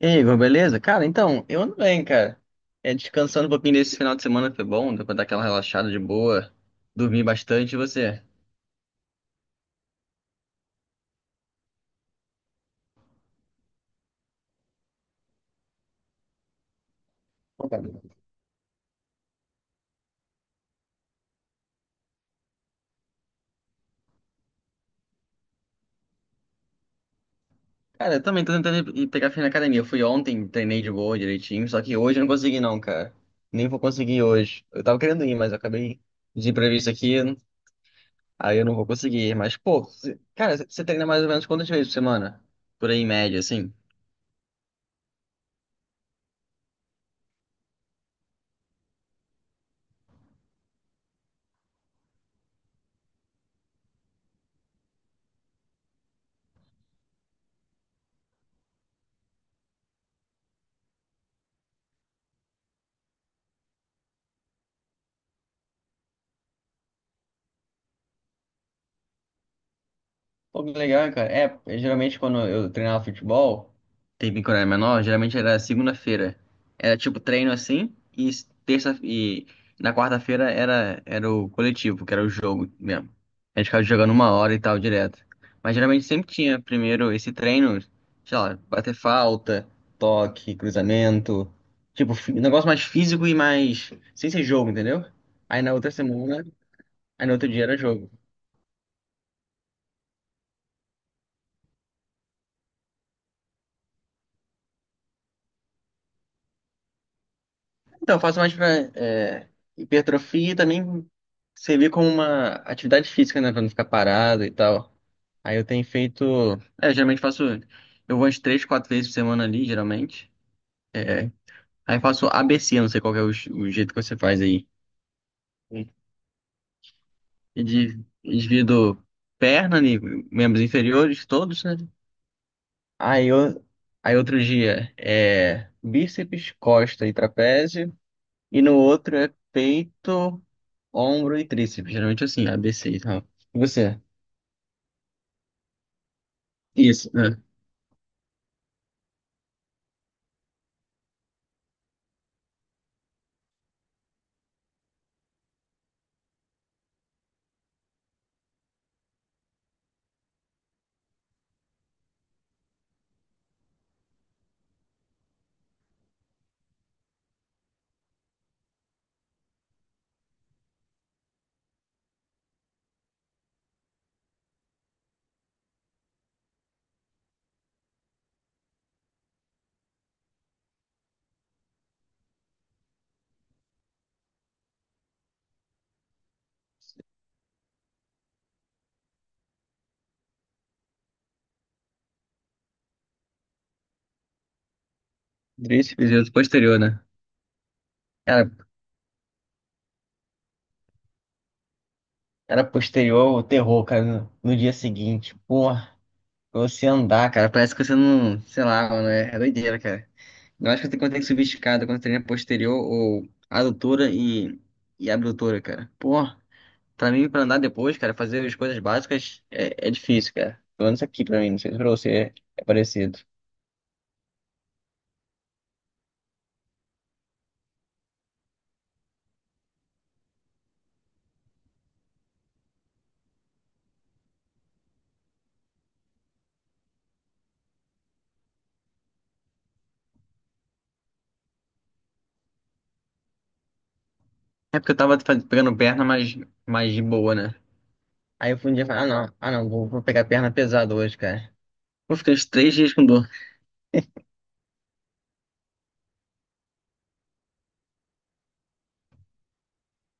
E aí, Igor, beleza? Cara, então, eu ando bem, cara. É, descansando um pouquinho desse final de semana foi bom, deu pra dar aquela relaxada de boa, dormir bastante, e você? Pô, cara. Cara, eu também tô tentando ir pegar firme na academia. Eu fui ontem, treinei de boa, direitinho, só que hoje eu não consegui não, cara. Nem vou conseguir hoje. Eu tava querendo ir, mas eu acabei de imprevisto aqui, aí eu não vou conseguir. Mas, pô, cara, você treina mais ou menos quantas vezes por semana? Por aí, em média, assim? Pô, que legal, cara. Geralmente quando eu treinava futebol, teve quando eu era menor, geralmente era segunda-feira. Era tipo treino assim, e terça e na quarta-feira era o coletivo, que era o jogo mesmo. A gente ficava jogando uma hora e tal direto. Mas geralmente sempre tinha primeiro esse treino, sei lá, bater falta, toque, cruzamento. Tipo, um negócio mais físico e mais. Sem ser jogo, entendeu? Aí na outra semana, aí no outro dia era jogo. Então, eu faço mais pra é, hipertrofia e também servir como uma atividade física, né? Pra não ficar parado e tal. Aí eu tenho feito. É, eu geralmente faço. Eu vou umas três, quatro vezes por semana ali, geralmente. É, aí faço ABC, não sei qual que é o, o jeito que você faz aí. Divido perna ali, membros inferiores, todos, né? Aí, eu, aí outro dia é bíceps, costa e trapézio. E no outro é peito, ombro e tríceps. Geralmente assim, A ABC e tal. E você? Isso, né? Tríceps e outro posterior, né? Cara, cara, posterior, o terror, cara, no, no dia seguinte. Porra, pra você andar, cara, parece que você não, sei lá, mano, é doideira, cara. Eu acho que quando tem que subir escada, quando treina posterior ou adutora e abdutora, cara. Porra, pra mim, pra andar depois, cara, fazer as coisas básicas é difícil, cara. Pelo menos aqui pra mim, não sei se pra você é parecido. É porque eu tava pegando perna mais, mais de boa, né? Aí eu fui um dia e falei, ah não, vou, vou pegar perna pesada hoje, cara. Eu fiquei uns três dias com dor.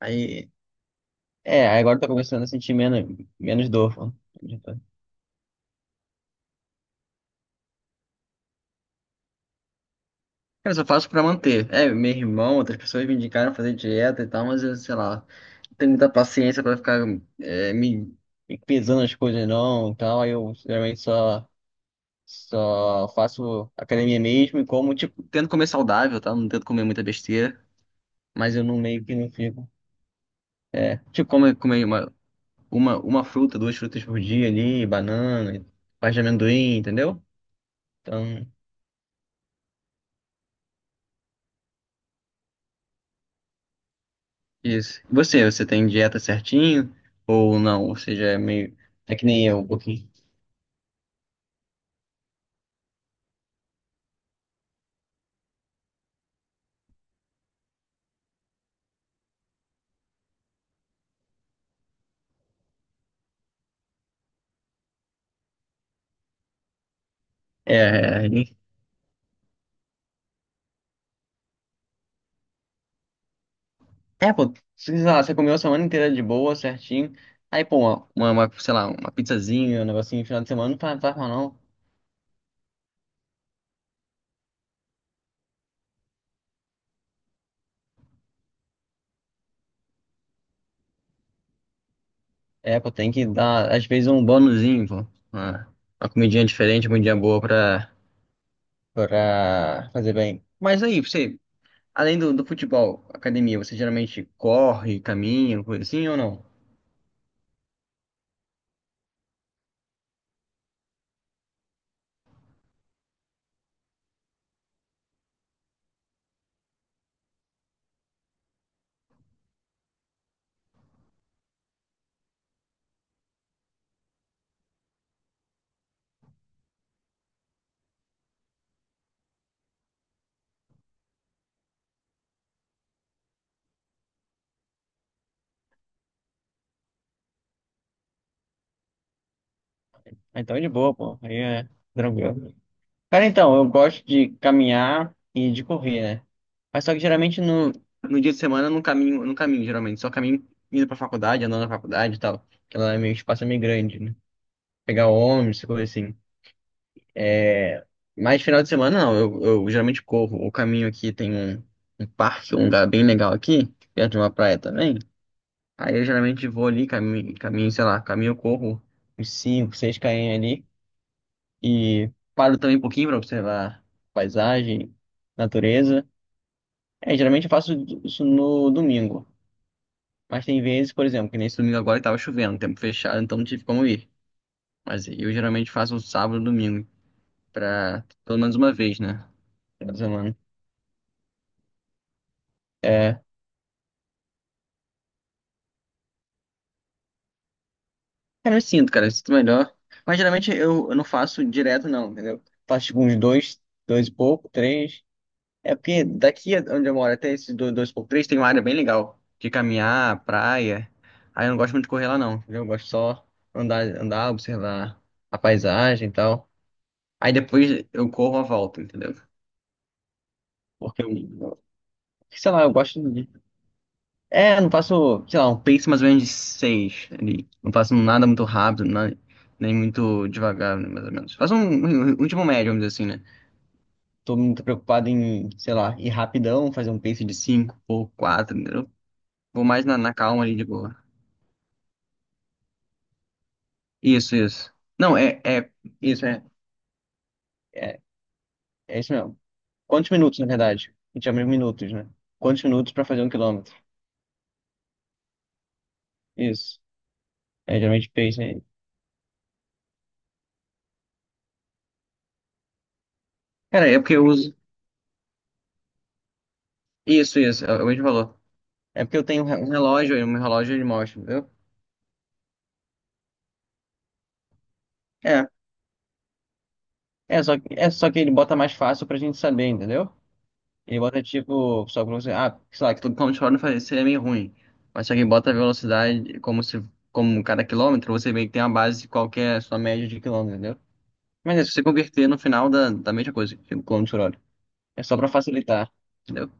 Aí, é, aí agora eu tô começando a sentir menos, menos dor, pô. Cara, eu só faço pra manter. É, meu irmão, outras pessoas me indicaram fazer dieta e tal, mas eu, sei lá, não tenho muita paciência pra ficar é, me, me pesando as coisas não e tal. Aí eu geralmente só faço academia mesmo e como, tipo, tento comer saudável, tá? Não tento comer muita besteira, mas eu não meio que não fico. Tipo, comer uma, uma fruta, duas frutas por dia ali, banana, parte de amendoim, entendeu? Então, isso. E você, você tem dieta certinho ou não? Ou seja, é meio. É que nem eu, um pouquinho. É, e- é, pô, sei lá, você comeu a semana inteira de boa, certinho. Aí, pô, uma, sei lá, uma pizzazinha, um negocinho no final de semana, não faz faz mal não. É, pô, tem que dar, às vezes, um bônusinho pô. Uma, uma comidinha diferente, uma comidinha boa pra fazer bem. Mas aí, você. Além do futebol, academia, você geralmente corre, caminha, coisa assim ou não? Ah, então, é de boa, pô. Aí é tranquilo. Cara, então, eu gosto de caminhar e de correr, né? Mas só que geralmente no dia de semana eu não caminho, não caminho, geralmente. Só caminho indo pra faculdade, andando na faculdade e tal. Porque lá é meio, o espaço é meio grande, né? Pegar ônibus, coisa assim. É, mas final de semana não, eu geralmente corro. O caminho aqui tem um, um parque, um lugar bem legal aqui, perto de uma praia também. Aí eu geralmente vou ali, caminho, caminho, sei lá, caminho, corro uns cinco seis km ali e paro também um pouquinho para observar paisagem, natureza. É, geralmente eu faço isso no domingo. Mas tem vezes, por exemplo, que nesse domingo agora estava chovendo, tempo fechado, então não tive como ir. Mas eu geralmente faço um sábado, domingo, pra pelo menos uma vez, né? Toda semana. É, cara, eu sinto melhor. Mas geralmente eu não faço direto, não, entendeu? Faço tipo uns dois, dois e pouco, três. É porque onde eu moro até esse 2x3 tem uma área bem legal de caminhar, praia. Aí eu não gosto muito de correr lá não, entendeu? Eu gosto só andar, andar, observar a paisagem e tal. Aí depois eu corro a volta, entendeu? Porque eu, sei lá, eu gosto de... É, eu não faço, sei lá, um pace mais ou menos de 6 ali. Não faço nada muito rápido, nem muito devagar, né, mais ou menos. Faço um último médio, vamos dizer assim, né? Tô muito preocupado em, sei lá, ir rapidão, fazer um pace de 5 ou 4. Vou mais na calma ali de boa. Isso, isso. Não, isso, é, é isso mesmo. Quantos minutos, na verdade? A gente chama de minutos, né? Quantos minutos pra fazer um quilômetro? Isso. É geralmente pace aí. Cara, é porque eu uso. Isso, é o mesmo valor. É porque eu tenho um um relógio e o meu relógio ele mostra, entendeu? É, é só que ele bota mais fácil pra gente saber, entendeu? E bota tipo, só como se, ah, sei lá, que todo controle não faz- seria meio ruim. Mas se alguém bota a velocidade como se, como cada quilômetro, você meio que tem a base de qual que é a sua média de quilômetro, entendeu? Mas é, se você converter no final da mesma coisa, tipo, quilômetro por hora. É só pra facilitar, entendeu?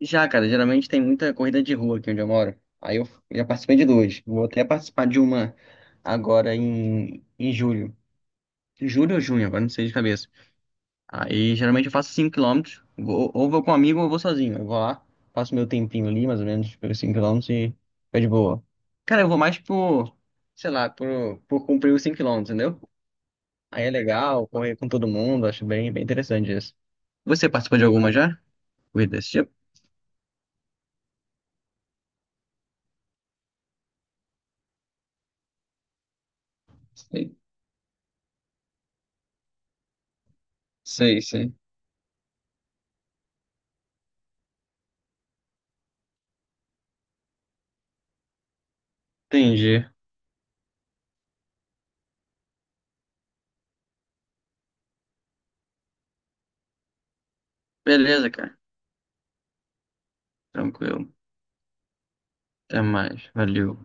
Já, cara, geralmente tem muita corrida de rua aqui onde eu moro. Aí eu já participei de duas. Vou até participar de uma agora em, em julho. Julho ou junho, agora não sei de cabeça. Aí geralmente eu faço 5 quilômetros ou vou com um amigo ou vou sozinho. Eu vou lá, faço meu tempinho ali, mais ou menos, pelos 5 quilômetros e fica de boa. Cara, eu vou mais por, sei lá, por cumprir os 5 quilômetros entendeu? Aí é legal, correr com todo mundo, acho bem, bem interessante isso. Você participou de alguma já? Corrida desse tipo? Sei, sei, sei. Entendi. Beleza, cara. Tranquilo. Até mais. Valeu.